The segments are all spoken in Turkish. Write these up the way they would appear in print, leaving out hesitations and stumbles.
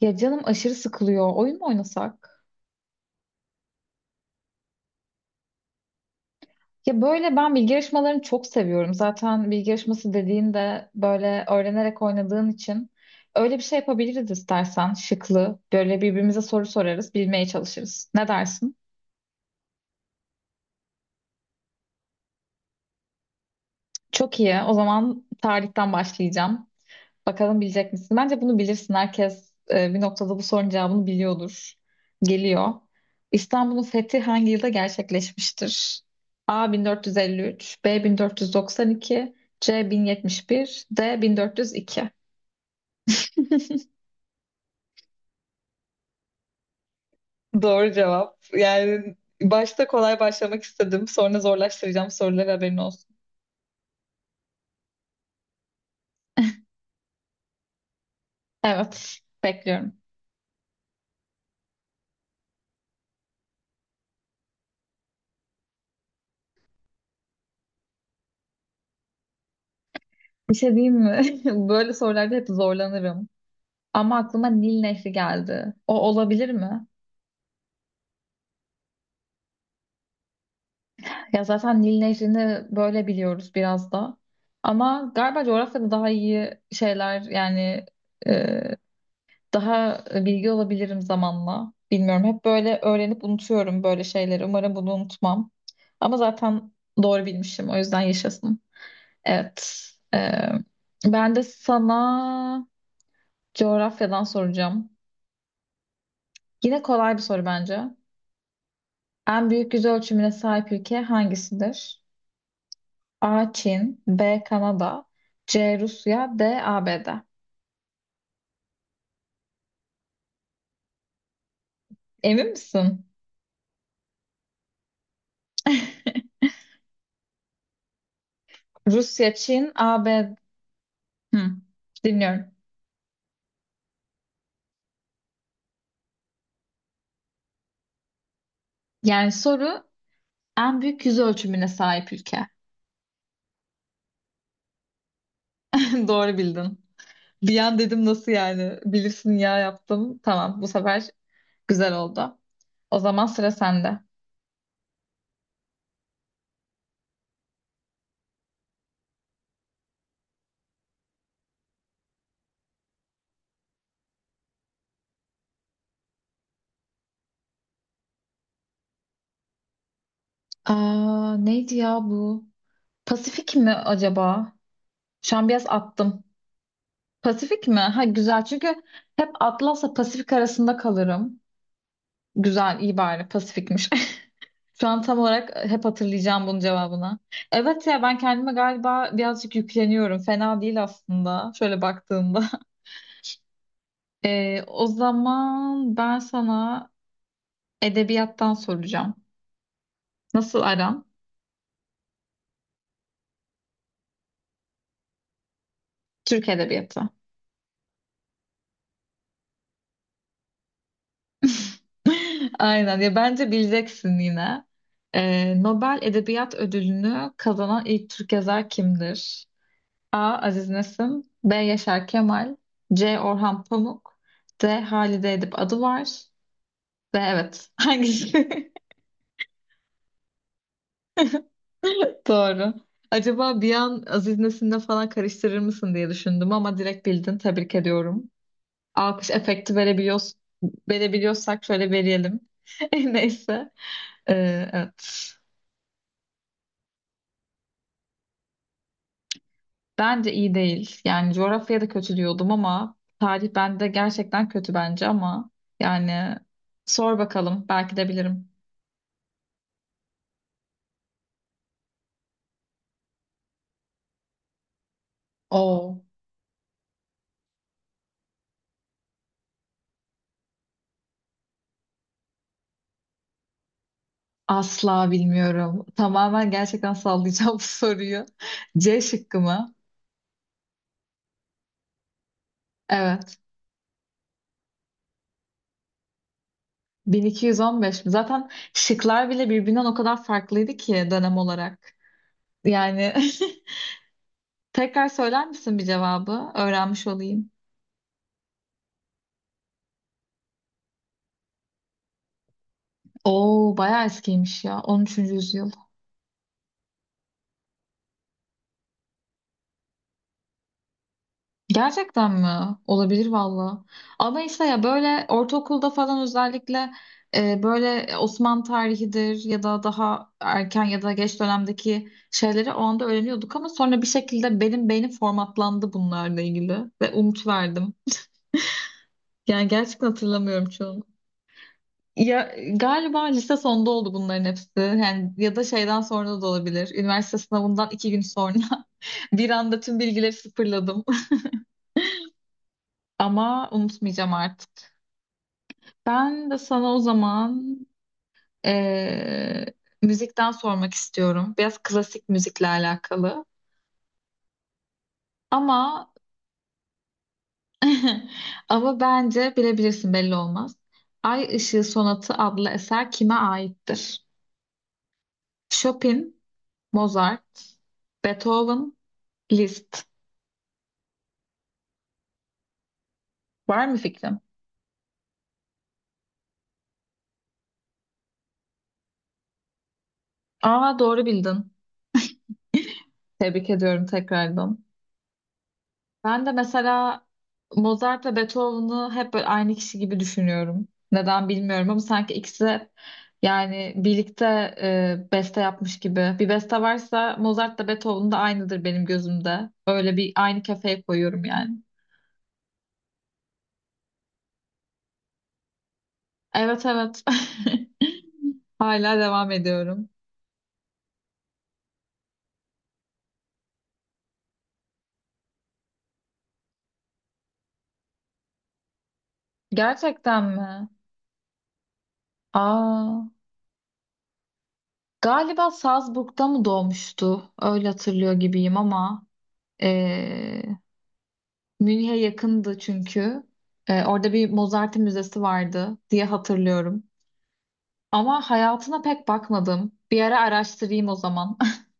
Ya canım aşırı sıkılıyor. Oyun mu oynasak? Ya böyle ben bilgi yarışmalarını çok seviyorum. Zaten bilgi yarışması dediğinde böyle öğrenerek oynadığın için öyle bir şey yapabiliriz istersen. Şıklı. Böyle birbirimize soru sorarız, bilmeye çalışırız. Ne dersin? Çok iyi. O zaman tarihten başlayacağım. Bakalım bilecek misin? Bence bunu bilirsin. Herkes bir noktada bu sorunun cevabını biliyordur. Geliyor. İstanbul'un fethi hangi yılda gerçekleşmiştir? A 1453, B 1492, C 1071, D 1402. Doğru cevap. Yani başta kolay başlamak istedim. Sonra zorlaştıracağım soruları haberin olsun. Evet, bekliyorum. Bir şey diyeyim mi? Böyle sorularda hep zorlanırım. Ama aklıma Nil Nehri geldi. O olabilir mi? Ya zaten Nil Nehri'ni böyle biliyoruz biraz da. Ama galiba coğrafyada daha iyi şeyler yani e, daha bilgi olabilirim zamanla. Bilmiyorum. Hep böyle öğrenip unutuyorum böyle şeyleri. Umarım bunu unutmam. Ama zaten doğru bilmişim. O yüzden yaşasın. Evet. E, ben de sana coğrafyadan soracağım. Yine kolay bir soru bence. En büyük yüz ölçümüne sahip ülke hangisidir? A. Çin, B. Kanada, C. Rusya, D. ABD. Emin misin? Rusya, Çin, ABD. Hı, dinliyorum. Yani soru en büyük yüz ölçümüne sahip ülke. Doğru bildin. Bir an dedim nasıl yani? Bilirsin ya yaptım. Tamam, bu sefer güzel oldu. O zaman sıra sende. Aa, neydi ya bu? Pasifik mi acaba? Şu an biraz attım. Pasifik mi? Ha güzel çünkü hep Atlas'la Pasifik arasında kalırım. Güzel, iyi bari. Pasifikmiş. Şu an tam olarak hep hatırlayacağım bunun cevabını. Evet ya ben kendime galiba birazcık yükleniyorum. Fena değil aslında. Şöyle baktığımda. O zaman ben sana edebiyattan soracağım. Nasıl aran? Türk edebiyatı. Aynen ya bence bileceksin yine. Nobel Edebiyat Ödülünü kazanan ilk Türk yazar kimdir? A. Aziz Nesin, B. Yaşar Kemal, C. Orhan Pamuk, D. Halide Edip Adıvar. D. Evet. Hangisi? Doğru. Acaba bir an Aziz Nesin'le falan karıştırır mısın diye düşündüm ama direkt bildin. Tebrik ediyorum. Alkış efekti verebiliyoruz, verebiliyorsak şöyle verelim. Neyse. Evet. Bence iyi değil. Yani coğrafya da kötü diyordum ama tarih bende gerçekten kötü bence ama yani sor bakalım. Belki de bilirim. O asla bilmiyorum. Tamamen gerçekten sallayacağım bu soruyu. C şıkkı mı? Evet. 1215 mi? Zaten şıklar bile birbirinden o kadar farklıydı ki dönem olarak. Yani tekrar söyler misin bir cevabı? Öğrenmiş olayım. Oo bayağı eskiymiş ya. 13. yüzyıl. Gerçekten mi? Olabilir valla. Ama işte ya böyle ortaokulda falan özellikle böyle Osmanlı tarihidir ya da daha erken ya da geç dönemdeki şeyleri o anda öğreniyorduk ama sonra bir şekilde benim beynim formatlandı bunlarla ilgili ve unutuverdim. Yani gerçekten hatırlamıyorum çoğunu. Ya galiba lise sonunda oldu bunların hepsi. Yani ya da şeyden sonra da olabilir. Üniversite sınavından iki gün sonra bir anda tüm bilgileri sıfırladım. Ama unutmayacağım artık. Ben de sana o zaman eee, müzikten sormak istiyorum. Biraz klasik müzikle alakalı. Ama ama bence bilebilirsin, belli olmaz. Ay Işığı Sonatı adlı eser kime aittir? Chopin, Mozart, Beethoven, Liszt. Var mı fikrin? Aa doğru bildin. Tebrik ediyorum tekrardan. Ben de mesela Mozart'la Beethoven'ı hep böyle aynı kişi gibi düşünüyorum. Neden bilmiyorum ama sanki ikisi de yani birlikte beste yapmış gibi. Bir beste varsa Mozart da Beethoven da aynıdır benim gözümde. Öyle bir aynı kefeye koyuyorum yani. Evet evet. Hala devam ediyorum. Gerçekten mi? Aa, galiba Salzburg'da mı doğmuştu? Öyle hatırlıyor gibiyim ama. e, Münih'e yakındı çünkü. Orada bir Mozart müzesi vardı diye hatırlıyorum. Ama hayatına pek bakmadım. Bir ara araştırayım o zaman.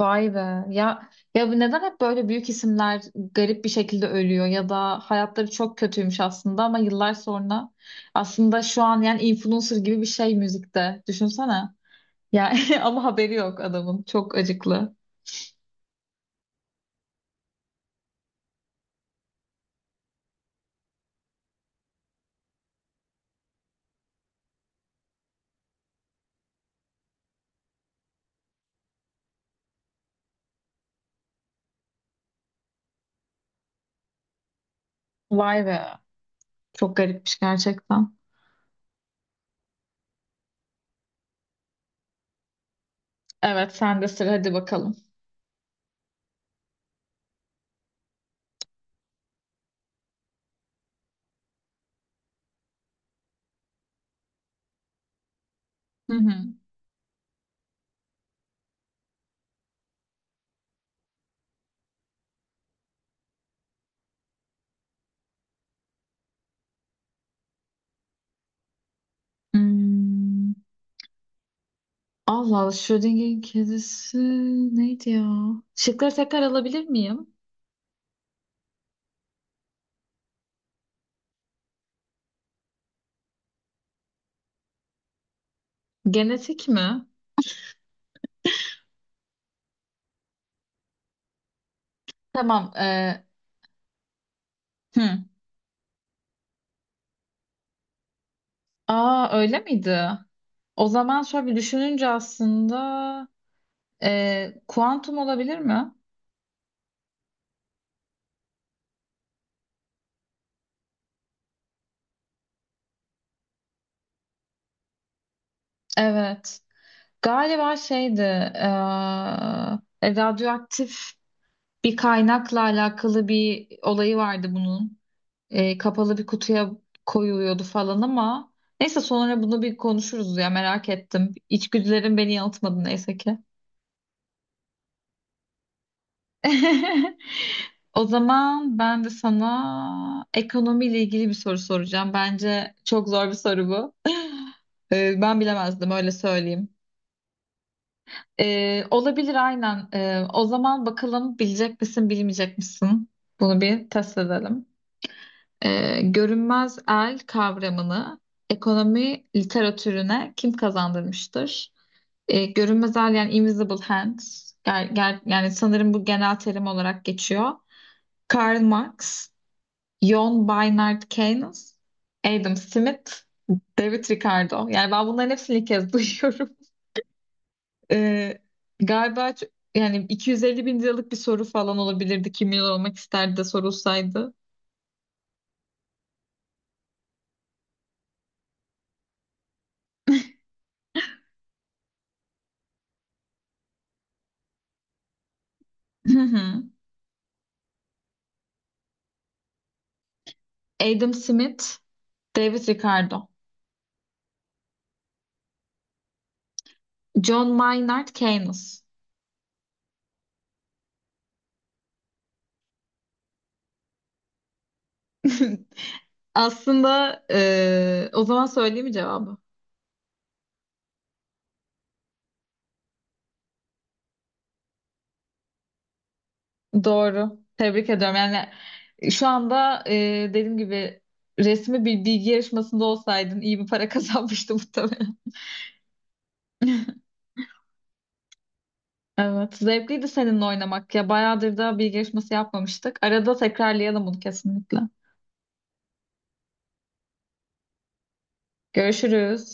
Vay be. Ya ya neden hep böyle büyük isimler garip bir şekilde ölüyor ya da hayatları çok kötüymüş aslında ama yıllar sonra aslında şu an yani influencer gibi bir şey müzikte. Düşünsene. Ya ama haberi yok adamın. Çok acıklı. Vay be. Çok garipmiş gerçekten. Evet, sen de sıra hadi bakalım. Hı hı. Hmm, Allah Allah Schrödinger'in kedisi neydi ya? Şıkları tekrar alabilir miyim? Genetik mi? Tamam. Hı. Aa öyle miydi? O zaman şöyle bir düşününce aslında kuantum olabilir mi? Evet. Galiba şeydi, radyoaktif bir kaynakla alakalı bir olayı vardı bunun. Kapalı bir kutuya koyuluyordu falan ama neyse sonra bunu bir konuşuruz ya, merak ettim. İçgüdülerim beni yanıltmadı neyse ki. O zaman ben de sana ekonomiyle ilgili bir soru soracağım. Bence çok zor bir soru bu. Ben bilemezdim öyle söyleyeyim. Olabilir aynen. O zaman bakalım bilecek misin bilmeyecek misin? Bunu bir test edelim. Görünmez el kavramını ekonomi literatürüne kim kazandırmıştır? Görünmez el yani invisible hands. Yani sanırım bu genel terim olarak geçiyor. Karl Marx, John Maynard Keynes, Adam Smith, David Ricardo. Yani ben bunların hepsini ilk kez duyuyorum. Ee, galiba yani 250 bin liralık bir soru falan olabilirdi. Kim milyon olmak isterdi de sorulsaydı. Adam Smith, David Ricardo, John Maynard Keynes. Aslında o zaman söyleyeyim mi cevabı? Doğru. Tebrik ediyorum. Yani şu anda dediğim gibi resmi bir bilgi yarışmasında olsaydın iyi bir para kazanmıştı muhtemelen. Evet. Zevkliydi seninle oynamak. Ya bayağıdır da bilgi yarışması yapmamıştık. Arada tekrarlayalım bunu kesinlikle. Görüşürüz.